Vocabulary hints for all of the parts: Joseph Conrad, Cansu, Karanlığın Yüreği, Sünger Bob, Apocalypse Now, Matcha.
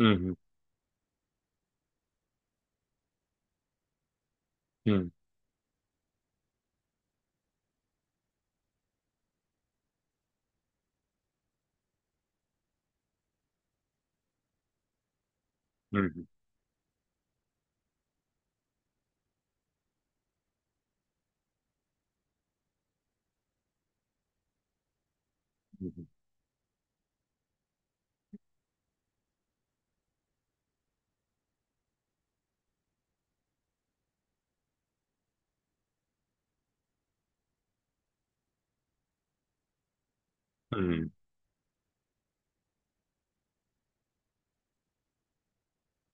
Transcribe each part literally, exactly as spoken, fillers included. Hı hı, hı hı, hı hı, hı hı,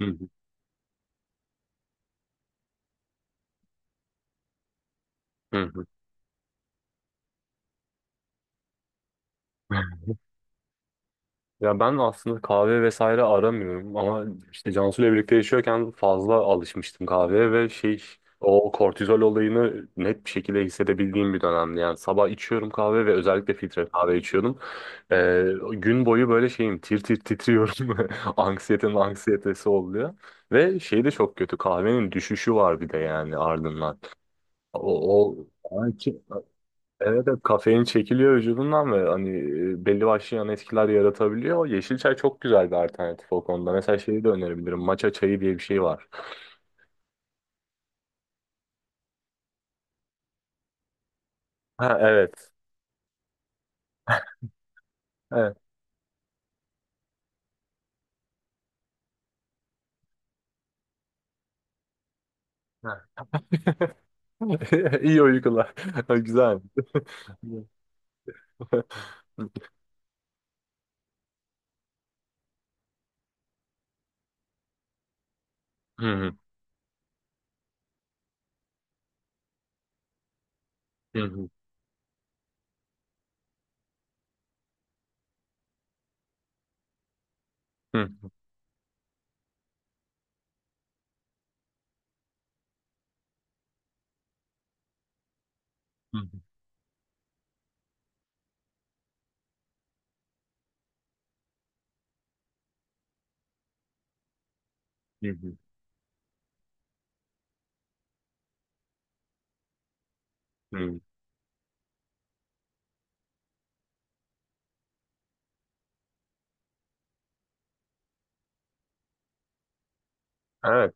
hı hı. Hı hı. Ya ben aslında kahve vesaire aramıyorum ama işte Cansu'yla birlikte yaşıyorken fazla alışmıştım kahveye ve şey o kortizol olayını net bir şekilde hissedebildiğim bir dönemdi. Yani sabah içiyorum kahve ve özellikle filtre kahve içiyordum. Ee, gün boyu böyle şeyim tir tir titriyorum. Anksiyetenin anksiyetesi oluyor. Ve şey de çok kötü kahvenin düşüşü var bir de yani ardından. O, o... Evet, evet, kafein çekiliyor vücudundan ve hani e, belli başlı yan etkiler yaratabiliyor. Yeşil çay çok güzel bir alternatif o konuda. Mesela şeyi de önerebilirim. Matcha çayı diye bir şey var. Ha, evet. Evet. Ha. İyi uykular. Güzel. Hı hı, hı hı, hı hı, hı hı, hı hı. Hı. Evet.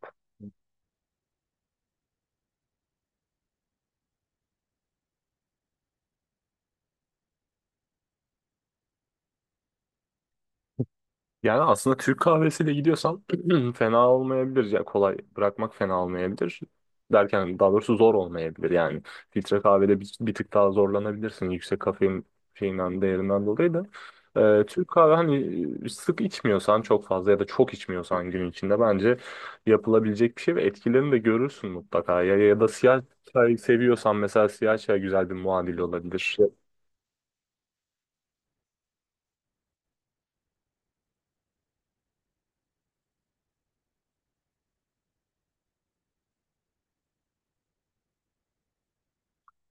Yani aslında Türk kahvesiyle gidiyorsan fena olmayabilir. Ya kolay bırakmak fena olmayabilir. Derken daha doğrusu zor olmayabilir. Yani filtre kahvede bir, bir tık daha zorlanabilirsin. Yüksek kafein şeyinden değerinden dolayı da. Ee, Türk kahve hani sık içmiyorsan çok fazla ya da çok içmiyorsan gün içinde bence yapılabilecek bir şey ve etkilerini de görürsün mutlaka. Ya, ya da siyah çay seviyorsan mesela siyah çay güzel bir muadil olabilir.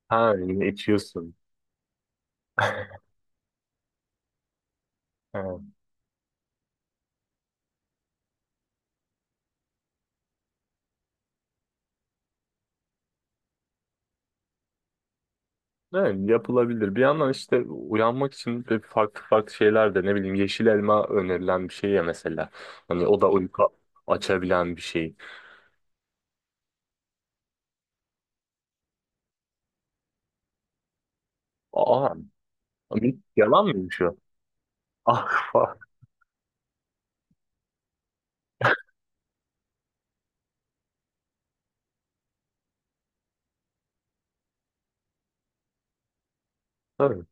Ha, içiyorsun. Evet, yapılabilir. Bir yandan işte uyanmak için de farklı farklı şeyler de ne bileyim yeşil elma önerilen bir şey ya mesela. Hani o da uyku açabilen bir şey. Aa, bir- yalan mıymış o? Ah, ah, tabii.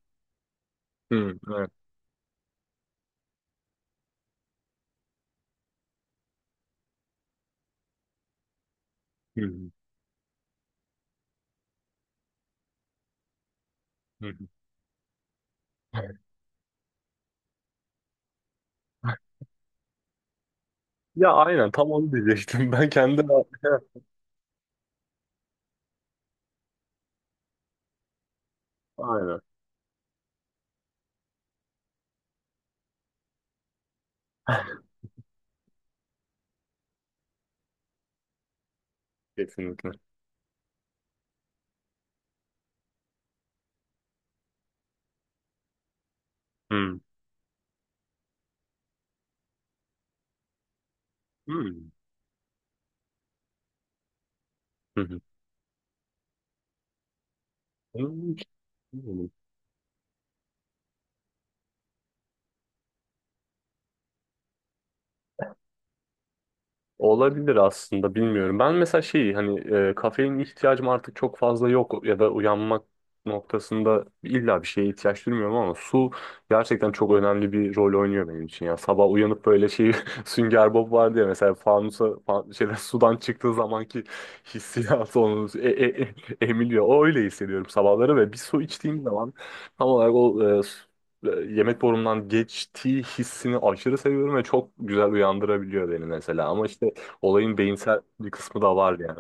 Hı, evet. Hı, hı, hı. Ya aynen tam onu diyecektim. Ben kendim aynen. Kesinlikle. Hı, hı, hı, hı. Hı. Olabilir aslında bilmiyorum. Ben mesela şeyi hani e, kafein ihtiyacım artık çok fazla yok ya da uyanmak noktasında illa bir şeye ihtiyaç duymuyorum ama su gerçekten çok önemli bir rol oynuyor benim için ya. Sabah uyanıp böyle şey Sünger Bob vardı ya mesela fanusa fa- şeyden sudan çıktığı zamanki hissiyatı onu e, e, e- emiliyor. O öyle hissediyorum sabahları ve bir su içtiğim zaman tam olarak o e, su- e, yemek borumdan geçtiği hissini aşırı seviyorum ve çok güzel uyandırabiliyor beni mesela. Ama işte olayın beyinsel bir kısmı da var yani.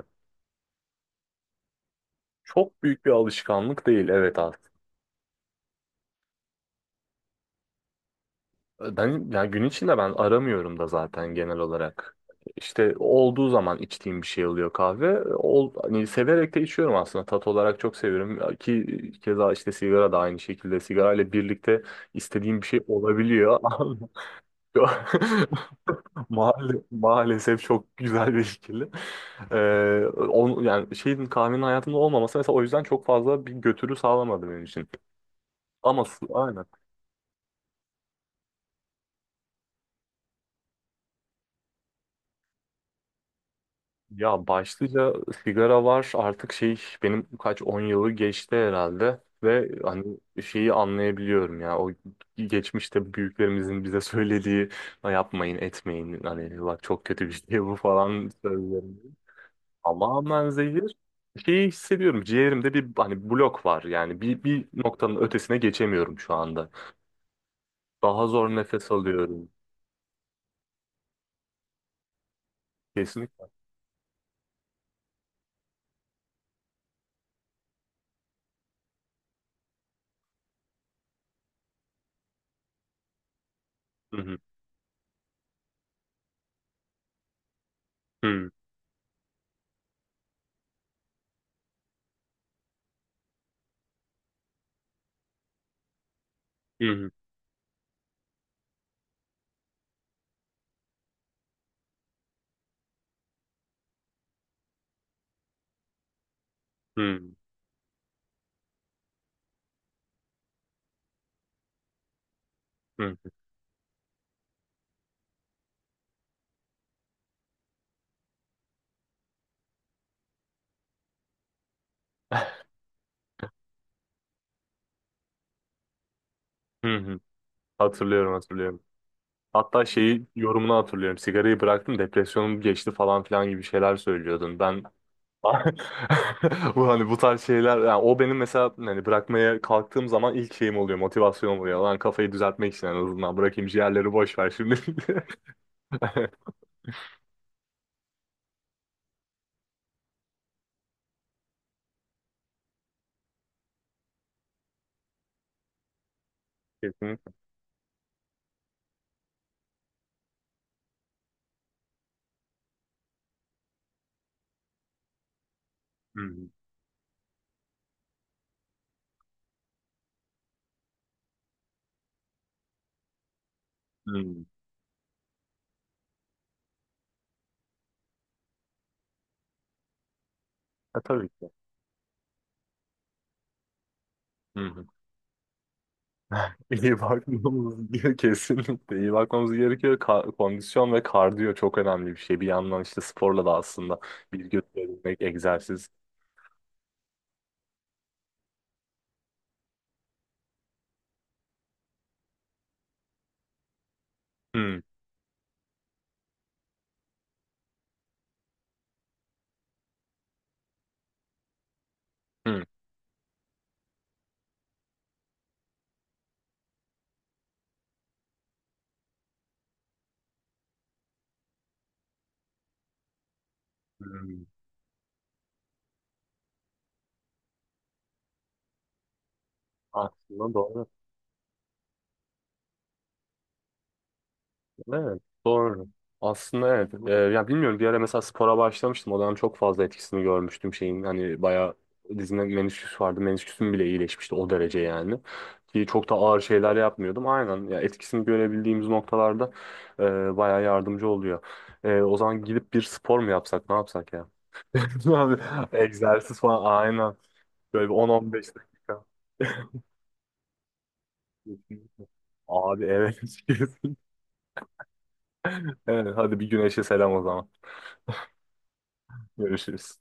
Çok büyük bir alışkanlık değil, evet, aslında. Ben yani gün içinde ben aramıyorum da zaten genel olarak. İşte olduğu zaman içtiğim bir şey oluyor kahve. Ol, hani severek de içiyorum aslında. Tat olarak çok seviyorum. Ki keza işte sigara da aynı şekilde. Sigara ile birlikte istediğim bir şey olabiliyor. Yo- Maal- Maalesef çok güzel bir ikili. Ee, on, yani şeyin kahvenin hayatımda olmaması mesela o yüzden çok fazla bir götürü sağlamadı benim için. Ama su- aynen. Ya başlıca sigara var artık şey benim kaç on yılı geçti herhalde ve hani şeyi anlayabiliyorum ya o geçmişte büyüklerimizin bize söylediği "Ha, yapmayın etmeyin hani bak çok kötü bir şey bu falan" sözlerini. Tamamen zehir şeyi hissediyorum ciğerimde bir hani blok var yani bir, bir noktanın ötesine geçemiyorum şu anda. Daha zor nefes alıyorum. Kesinlikle. Hı hı. Hı hı. Hı hı. Hı hı. Hı hı. Hatırlıyorum, hatırlıyorum. Hatta şeyi yorumunu hatırlıyorum. Sigarayı bıraktım, depresyonum geçti falan filan gibi şeyler söylüyordun. Ben bu hani bu tarz şeyler yani o benim mesela hani bırakmaya kalktığım zaman ilk şeyim oluyor, motivasyonum oluyor. Lan kafayı düzeltmek için en azından bırakayım, ciğerleri boş ver şimdi. Kesinlikle. Hı hı. Hı. E, tabii ki. Hı hı. İyi bakmamız gerekiyor kesinlikle. İyi bakmamız gerekiyor. Ka- kondisyon ve kardiyo çok önemli bir şey. Bir yandan işte sporla da aslında bilgi edinmek, egzersiz. Hmm, hmm, hmm. Aslında doğru. Evet, doğru. Aslında evet. Ee, ya bilmiyorum, bir ara mesela spora başlamıştım. O dönem çok fazla etkisini görmüştüm şeyin. Hani bayağı dizimde menisküs vardı. Menisküsüm bile iyileşmişti o derece yani. Ki çok da ağır şeyler yapmıyordum. Aynen ya, etkisini görebildiğimiz noktalarda e, bayağı yardımcı oluyor. E, o zaman gidip bir spor mu yapsak, ne yapsak ya? Abi, egzersiz falan aynen. Böyle bir on on beş dakika. Abi, evet. Evet, hadi bir güneşe selam o zaman. Görüşürüz.